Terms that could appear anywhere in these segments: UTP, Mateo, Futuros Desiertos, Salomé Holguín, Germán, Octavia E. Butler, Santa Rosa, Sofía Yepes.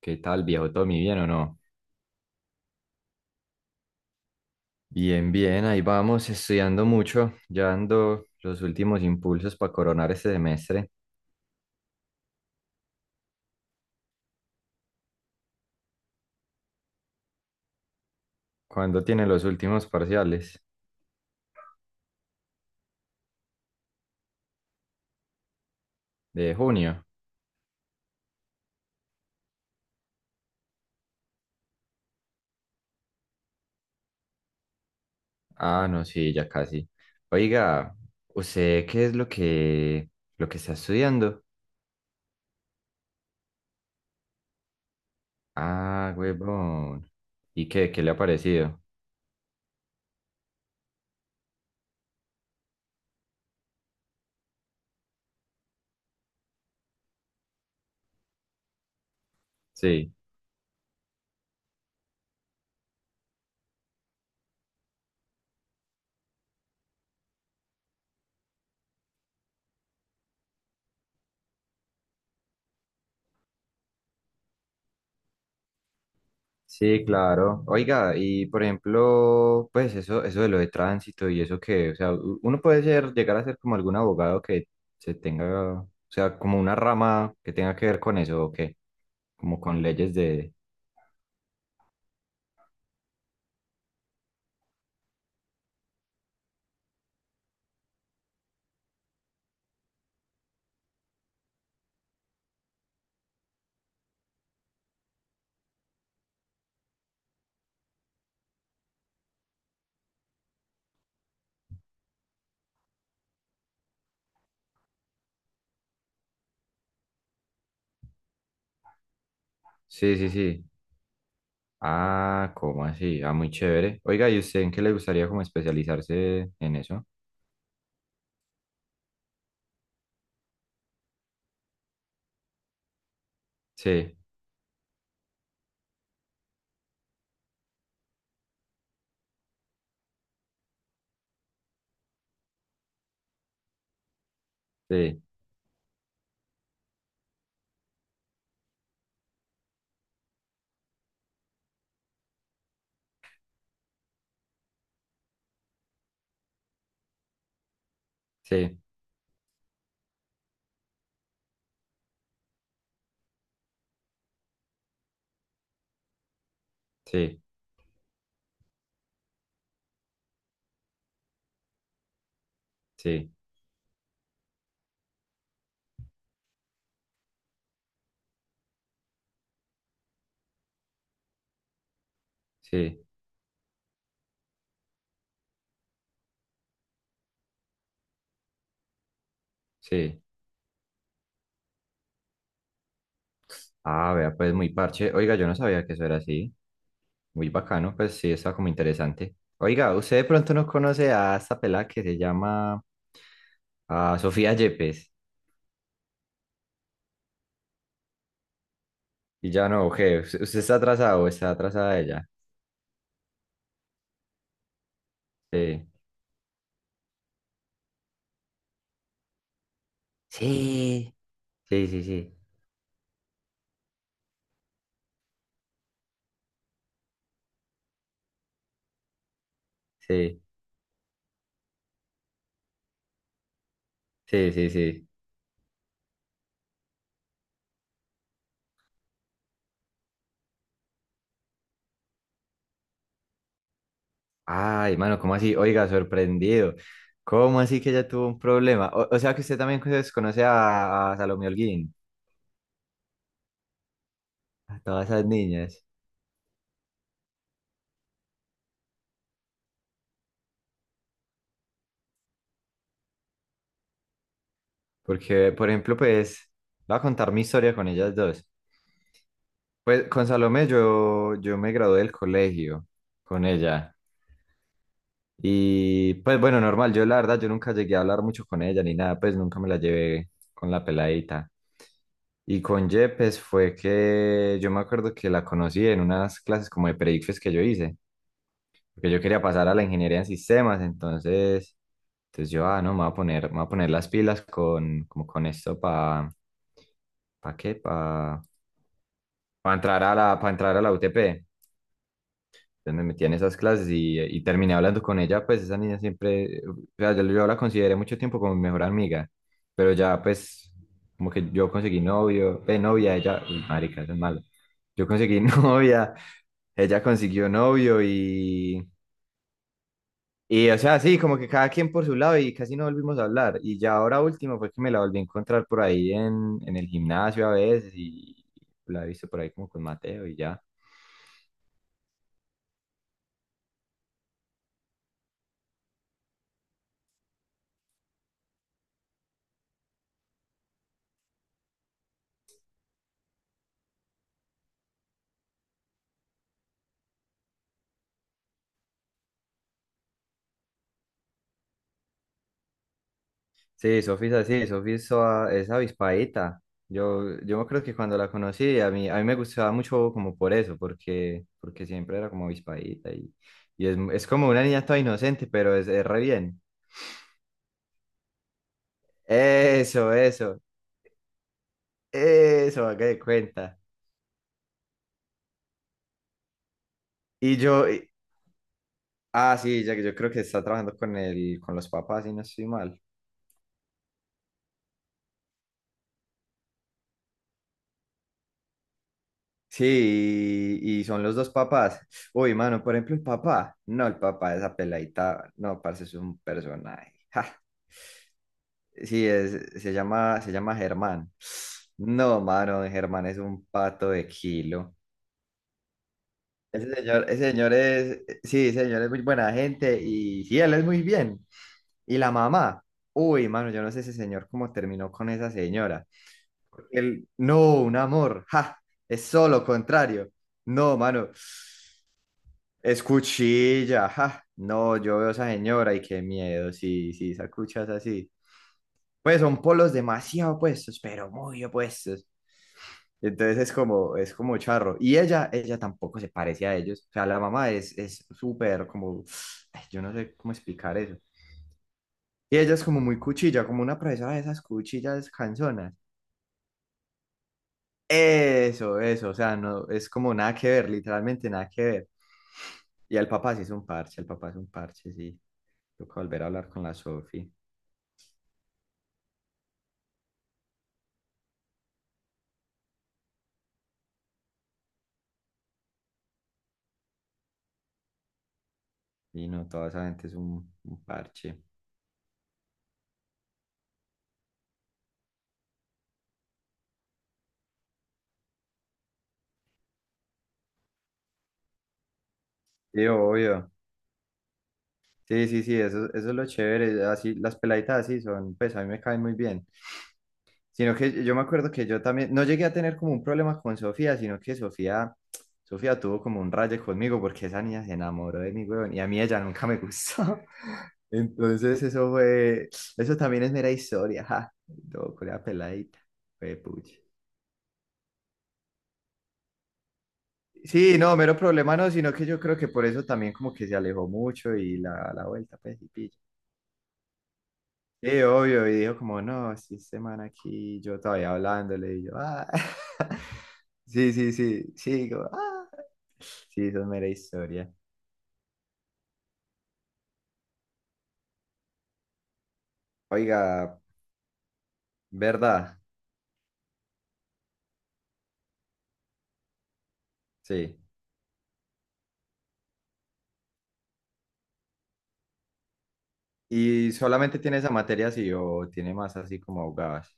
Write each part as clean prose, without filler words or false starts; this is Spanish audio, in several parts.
¿Qué tal, viejo Tommy? ¿Bien o no? Bien, bien, ahí vamos, estudiando mucho, ya dando los últimos impulsos para coronar este semestre. ¿Cuándo tiene los últimos parciales? ¿De junio? Ah, no, sí, ya casi. Oiga, ¿usted qué es lo que está estudiando? Ah, huevón. ¿Y qué le ha parecido? Sí. Sí, claro. Oiga, y por ejemplo, pues eso de lo de tránsito y eso que, o sea, uno puede ser, llegar a ser como algún abogado que se tenga, o sea, como una rama que tenga que ver con eso o qué, como con leyes de... Sí, sí, sí. Ah, ¿cómo así? Ah, muy chévere. Oiga, ¿y usted en qué le gustaría como especializarse en eso? Sí, sí, sí, sí, sí, sí, sí. Ah, vea, pues muy parche. Oiga, yo no sabía que eso era así. Muy bacano, pues sí, está como interesante. Oiga, usted de pronto no conoce a esta pelada que se llama a Sofía Yepes. Y ya no, ¿qué? ¿Usted está atrasado? ¿O está atrasada ella? Sí. Sí. Sí, sí, sí, sí, sí, sí, sí. Ay, mano, ¿cómo así? Oiga, sorprendido. ¿Cómo así que ella tuvo un problema? O sea que usted también conoce a Salomé Holguín, a todas esas niñas. Porque, por ejemplo, pues, voy a contar mi historia con ellas dos. Pues con Salomé yo me gradué del colegio con ella. Y pues bueno, normal, yo la verdad, yo nunca llegué a hablar mucho con ella ni nada, pues nunca me la llevé con la peladita. Y con Yepes fue que yo me acuerdo que la conocí en unas clases como de predifes que yo hice, porque yo quería pasar a la ingeniería en sistemas, entonces yo, ah, no, me voy a poner las pilas con, como con esto ¿para qué? Para entrar a la, para entrar a la UTP. Entonces me metí en esas clases y terminé hablando con ella, pues esa niña siempre, o sea, yo la consideré mucho tiempo como mi mejor amiga, pero ya pues como que yo conseguí novio, novia, ella, uy, marica, eso es malo, yo conseguí novia, ella consiguió novio y o sea, sí, como que cada quien por su lado y casi no volvimos a hablar. Y ya ahora último fue que me la volví a encontrar por ahí en el gimnasio a veces y la he visto por ahí como con Mateo y ya. Sí, Sofía es es avispadita. Yo me creo que cuando la conocí, a mí me gustaba mucho como por eso, porque siempre era como avispadita y es como una niña toda inocente, pero es re bien. Eso, eso, eso, haga de cuenta. Y ah, sí, ya que yo creo que está trabajando con con los papás y no estoy mal. Sí, y son los dos papás. Uy, mano, por ejemplo, el papá. No, el papá, de esa peladita, no, parece es un personaje. Sí, se llama Germán. No, mano, Germán es un pato de kilo. Ese señor es, sí, ese señor es muy buena gente y sí, él es muy bien. Y la mamá, uy, mano, yo no sé ese señor cómo terminó con esa señora. Él, no, un amor, ja, es solo contrario. No, mano, es cuchilla, ja. No, yo veo a esa señora y qué miedo, sí, sí, esa cucha así. Pues son polos demasiado opuestos, pero muy opuestos. Entonces es como charro. Y ella tampoco se parece a ellos. O sea, la mamá es súper como, ay, yo no sé cómo explicar eso. Y ella es como muy cuchilla, como una profesora de esas cuchillas canzonas. Eso, o sea, no, es como nada que ver, literalmente nada que ver. Y el papá sí es un parche, el papá es un parche, sí. Toca volver a hablar con la Sofi. Y no, toda esa gente es un parche. Sí, obvio. Sí, sí, sí, eso es lo chévere. Así, las peladitas así son, pues a mí me caen muy bien. Sino que yo me acuerdo que yo también, no llegué a tener como un problema con Sofía, sino que Sofía tuvo como un rayo conmigo porque esa niña se enamoró de mí, weón, y a mí ella nunca me gustó. Entonces eso fue, eso también es mera historia, ja. Todo con la peladita, fue pucha. Sí, no, mero problema no, sino que yo creo que por eso también como que se alejó mucho y la vuelta, pues, y pilla. Sí, obvio, y dijo como, no, sí, semana aquí, yo todavía hablándole, y yo, ah. Sí, sí, sí, sí, como, ah. Sí, esa es mera historia. Oiga, ¿verdad? Sí. ¿Y solamente tiene esa materia así o tiene más así como abogadas?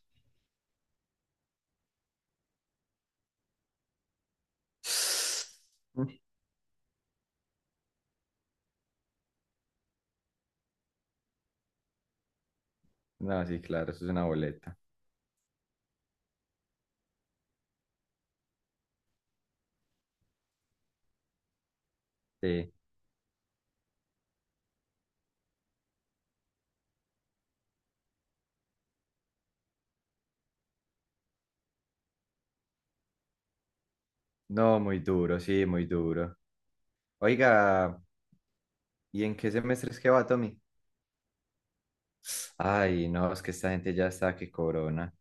Mm. No, sí, claro, eso es una boleta. Sí. No, muy duro, sí, muy duro. Oiga, ¿y en qué semestre es que va, Tommy? Ay, no, es que esta gente ya está que corona.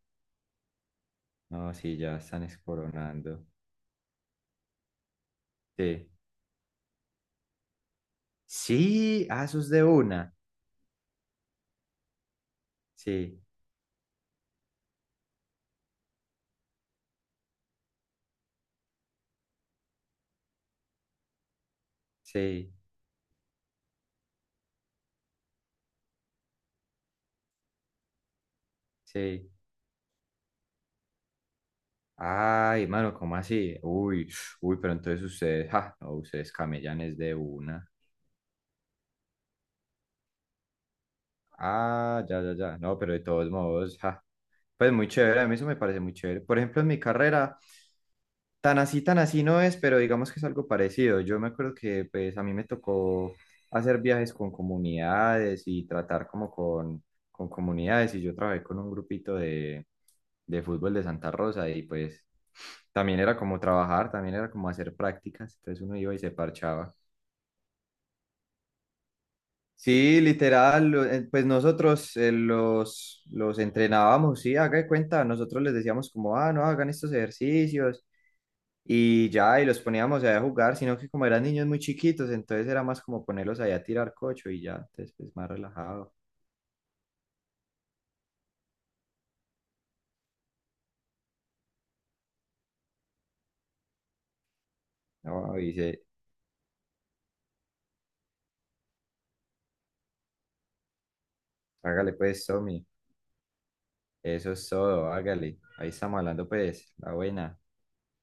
No, sí, ya están escoronando. Sí. Sí, ah, eso es de una. Sí, sí, sí. Ay, mano, ¿cómo así? Uy, uy, pero entonces ustedes, ja, no, ustedes camellanes de una. Ah, ya, ya, ya. No, pero de todos modos, ja. Pues muy chévere, a mí eso me parece muy chévere. Por ejemplo, en mi carrera, tan así no es, pero digamos que es algo parecido. Yo me acuerdo que, pues, a mí me tocó hacer viajes con comunidades y tratar como con comunidades. Y yo trabajé con un grupito de fútbol de Santa Rosa y, pues, también era como trabajar, también era como hacer prácticas, entonces uno iba y se parchaba. Sí, literal, pues nosotros los entrenábamos, sí, haga de cuenta, nosotros les decíamos como, ah, no, hagan estos ejercicios y ya, y los poníamos ahí a jugar, sino que como eran niños muy chiquitos, entonces era más como ponerlos ahí a tirar cocho y ya, entonces pues más relajado. No, y dice, hágale pues, Tommy, eso es todo, hágale, ahí estamos hablando pues, la buena.